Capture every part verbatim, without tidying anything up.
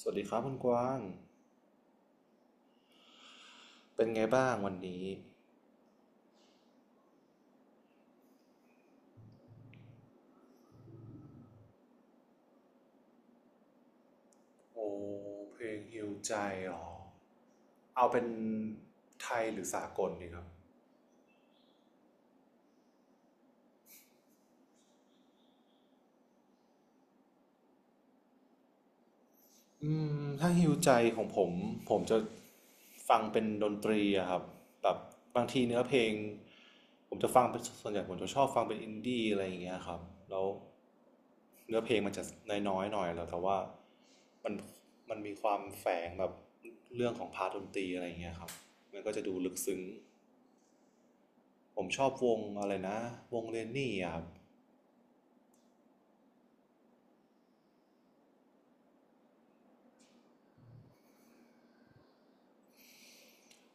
สวัสดีครับคุณกว้าง เป็นไงบ้างวันนี้ โอ้เพลงฮิวใจเหรอ เอาเป็นไทยหรือสากลดีครับอืมถ้าฮิวใจของผมผมจะฟังเป็นดนตรีอะครับแบบบางทีเนื้อเพลงผมจะฟังเป็นส่วนใหญ่ผมจะชอบฟังเป็นอินดี้อะไรอย่างเงี้ยครับ แล้วเนื้อเพลงมันจะน้อยๆหน่อยแล้วแต่ว่ามันมันมีความแฝงแบบเรื่องของพาร์ทดนตรีอะไรอย่างเงี้ยครับมันก็จะดูลึกซึ้ง ผมชอบวงอะไรนะวงเรนนี่อะครับ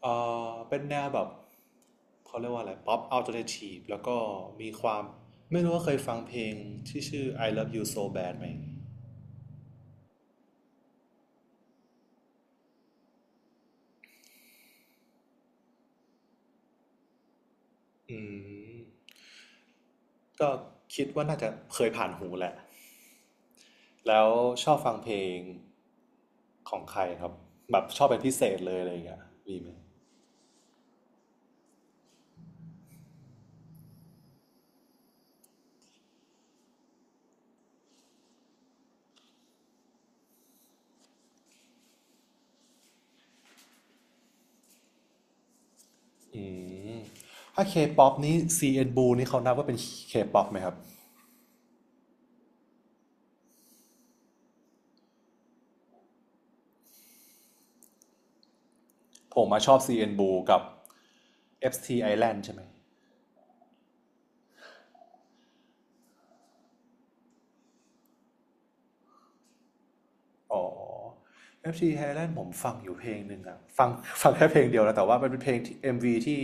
เออเป็นแนวแบบเขาเรียกว่าอะไรป๊อปอัลเทอร์เนทีฟแล้วก็มีความไม่รู้ว่าเคยฟังเพลงที่ชื่อ I Love You So Bad ไหม อืมก็คิดว่าน่าจะเคยผ่านหูแหละแล้วชอบฟังเพลงของใครครับแบบชอบเป็นพิเศษเลยอะไรอย่างเงี้ยมีไหมอืมถ้า K-pop นี้ ซี เอ็น Blue นี่เขานับว่าเป็น K-pop ไหมครับผมมาชอบ ซี เอ็น Blue กับ เอฟ ที Island ใช่ไหม อ๋อ เอฟ จี Thailand ผมฟังอยู่เพลงหนึ่งอะฟัง ฟังแค่เพลงเดียวนะแต่ว่ามันเป็นเพลงที่ เอ็ม วี ที่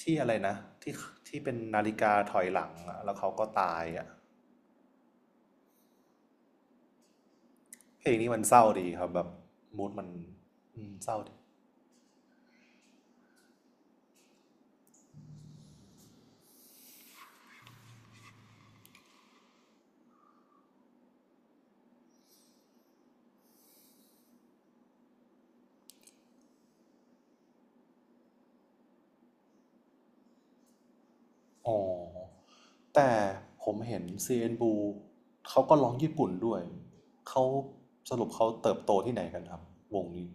ที่อะไรนะที่ที่เป็นนาฬิกาถอยหลังอะแล้วเขาก็ตายอะเพลงนี้มันเศร้าดีครับแบบมูดมันอืมเศร้าดีอ๋อแต่ผมเห็น ซี เอ็น Blue เขาก็ร้องญี่ปุ่นด้วยเขาสรุปเขาเติบโตที่ไหนกันครับวงนี้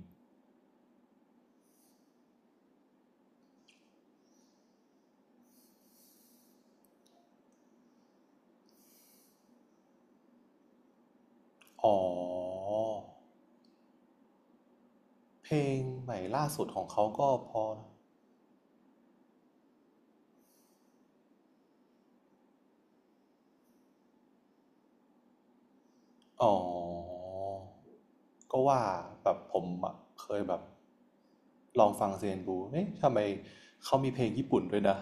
อ๋อเพลงใหม่ล่าสุดของเขาก็พอนะ อ๋อ ก็ว่าแบบผมอะเคยแบบลองฟังเซนบูเอ๊ะทำไมเขามีเพลงญี่ปุ่นด้วยนะ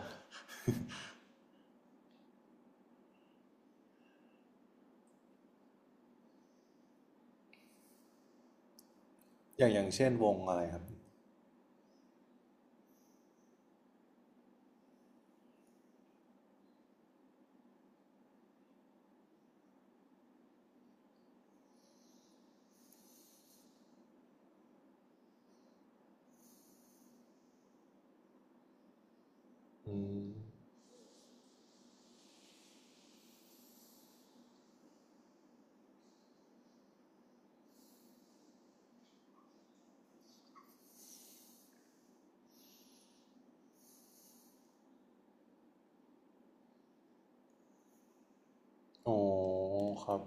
อย่างอย่างเช่นวงอะไรครับอืมอ๋อครับ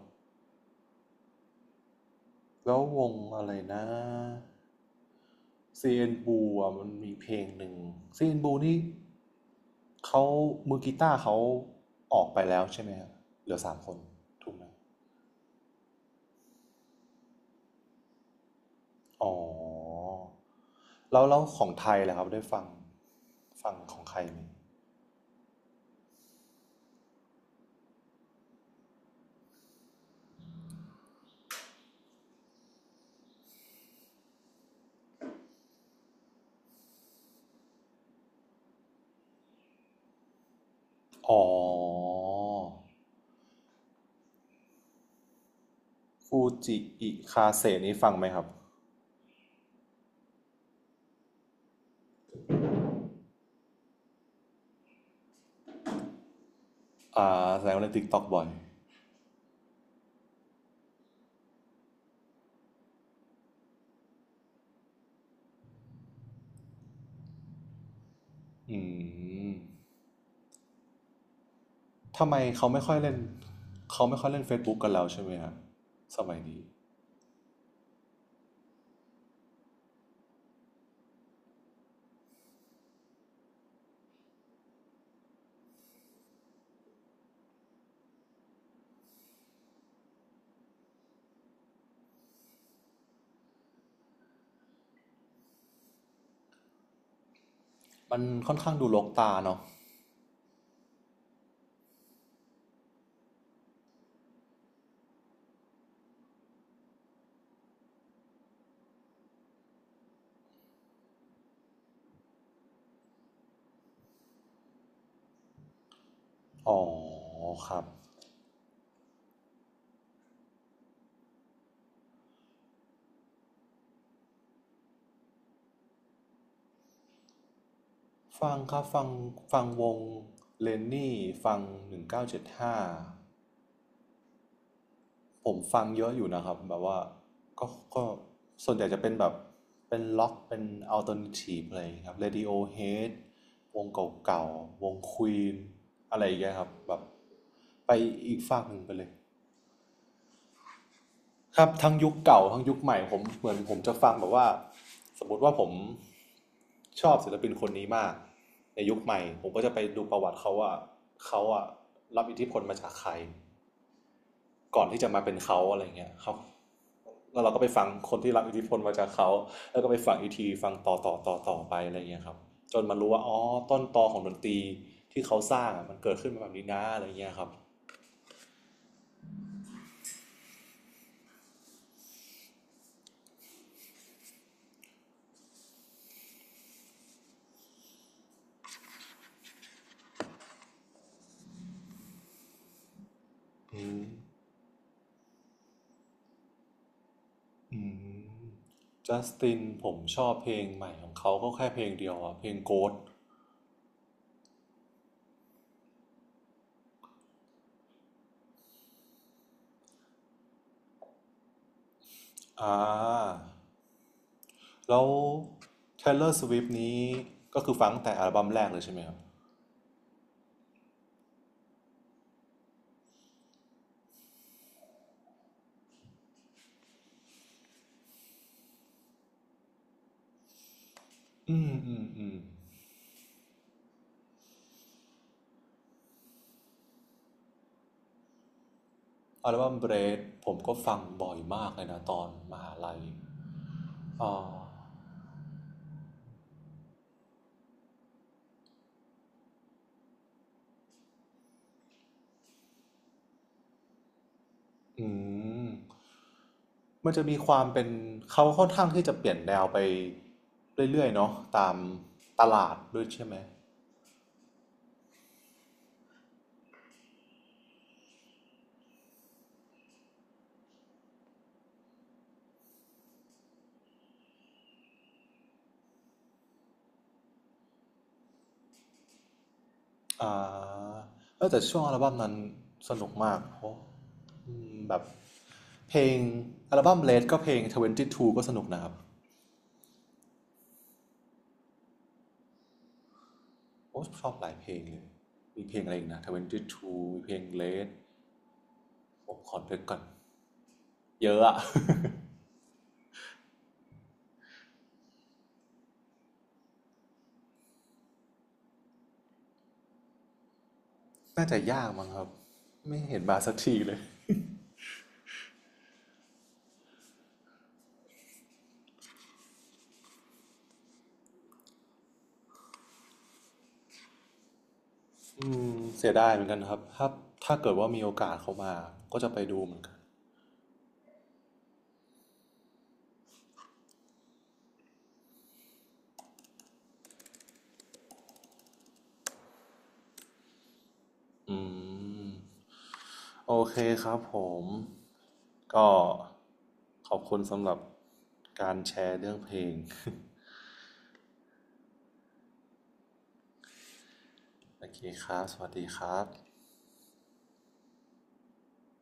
แล้ววงอะไรนะเซยนบูอ่ะมันมีเพลงหนึ่งเซยนบูนี่เขามือกีตาร์เขาออกไปแล้วใช่ไหมครับ เหลือสามคนถูกไหม อ๋อแล้วแล้วของไทยแหล่ะครับได้ฟังฟังของใครไหม อ๋อฟูจิอิคาเซนี่ฟังไหมครับอ่าแสดงว่าเล่น TikTok บ่อย อืม ทำไมเขาไม่ค่อยเล่นเขาไม่ค่อยเล่น Facebook กันแล้วใช่ไหมครับ สมัยนี้มันค่อนข้างดูรกตาเนาะอ๋อครับ ฟังครับฟังฟังวงเลนนี่ฟังหนึ่งเก้าเจ็ดห้า ผมฟังเยอะอยู่นะครับแบบว่าก็ก็ส่วนใหญ่จะเป็นแบบเป็นล็อกเป็นอัลเทอร์เนทีฟอะไรอย่างเงี้ยครับ Radiohead วงเก่าๆวงควีนอะไรอย่างเงี้ยครับแบบไปอีกฝากหนึ่งไปเลยครับทั้งยุคเก่าทั้งยุคใหม่ผมเหมือนผมจะฟังแบบว่าสมมติว่าผมชอบศิลปินคนนี้มากในยุคใหม่ผมก็จะไปดูประวัติเขาว่าเขาอะรับอิทธิพลมาจากใคร ก่อนที่จะมาเป็นเขาอะไรเงี้ยเขาแล้วเราก็ไปฟังคนที่รับอิทธิพลมาจากเขาแล้วก็ไปฟังอีกทีฟังต่อต่อต่อต่อไปอะไรเงี้ยครับจนมารู้ว่าอ๋อต้นตอของดนตรีที่เขาสร้างอะมันเกิดขึ้นมาแบบนี้นะอะไรเงี้ยครับอืมอืมจัสตินผมชอบเพลงใหม่ของเขาก็แค่เพลงเดียวอะเพลง Ghost อ่าแล้ว Taylor Swift นี้ก็คือฟังแต่อัลบั้มแรกเลยใช่ไหมครับอืมอืมอืม อัลบั้มเบรดผมก็ฟังบ่อยมากเลยนะตอนมหาลัยอ๋ออืมมันจะมีความเป็นเขาค่อนข้างที่จะเปลี่ยนแนวไปเรื่อยๆเนาะตามตลาดด้วยใช่ไหม อ่าเออแต่ช่วงอัลบั้มนั้นสนุกมากเพราะอืมแบบเพลงอัลบั้มเลดก็เพลงยี่สิบสองก็สนุกนะครับโอ้ชอบหลายเพลงเลย มีเพลงอะไรอีกนะยี่สิบสองมีเพลงเลดผมขอเลืกก่อนเยอะอะ น่าจะยากมั้งครับไม่เห็นมาสักทีเลยอืมเสียดายเหมือนกันครับถ้าถ้าเกิดว่ามีโอกาสเขามาก็จะไปดูเหมือนกันอืมโอเคครับผมก็ขอบคุณสำหรับการแชร์เรื่องเพลงโอเคครับสวัสดีครับ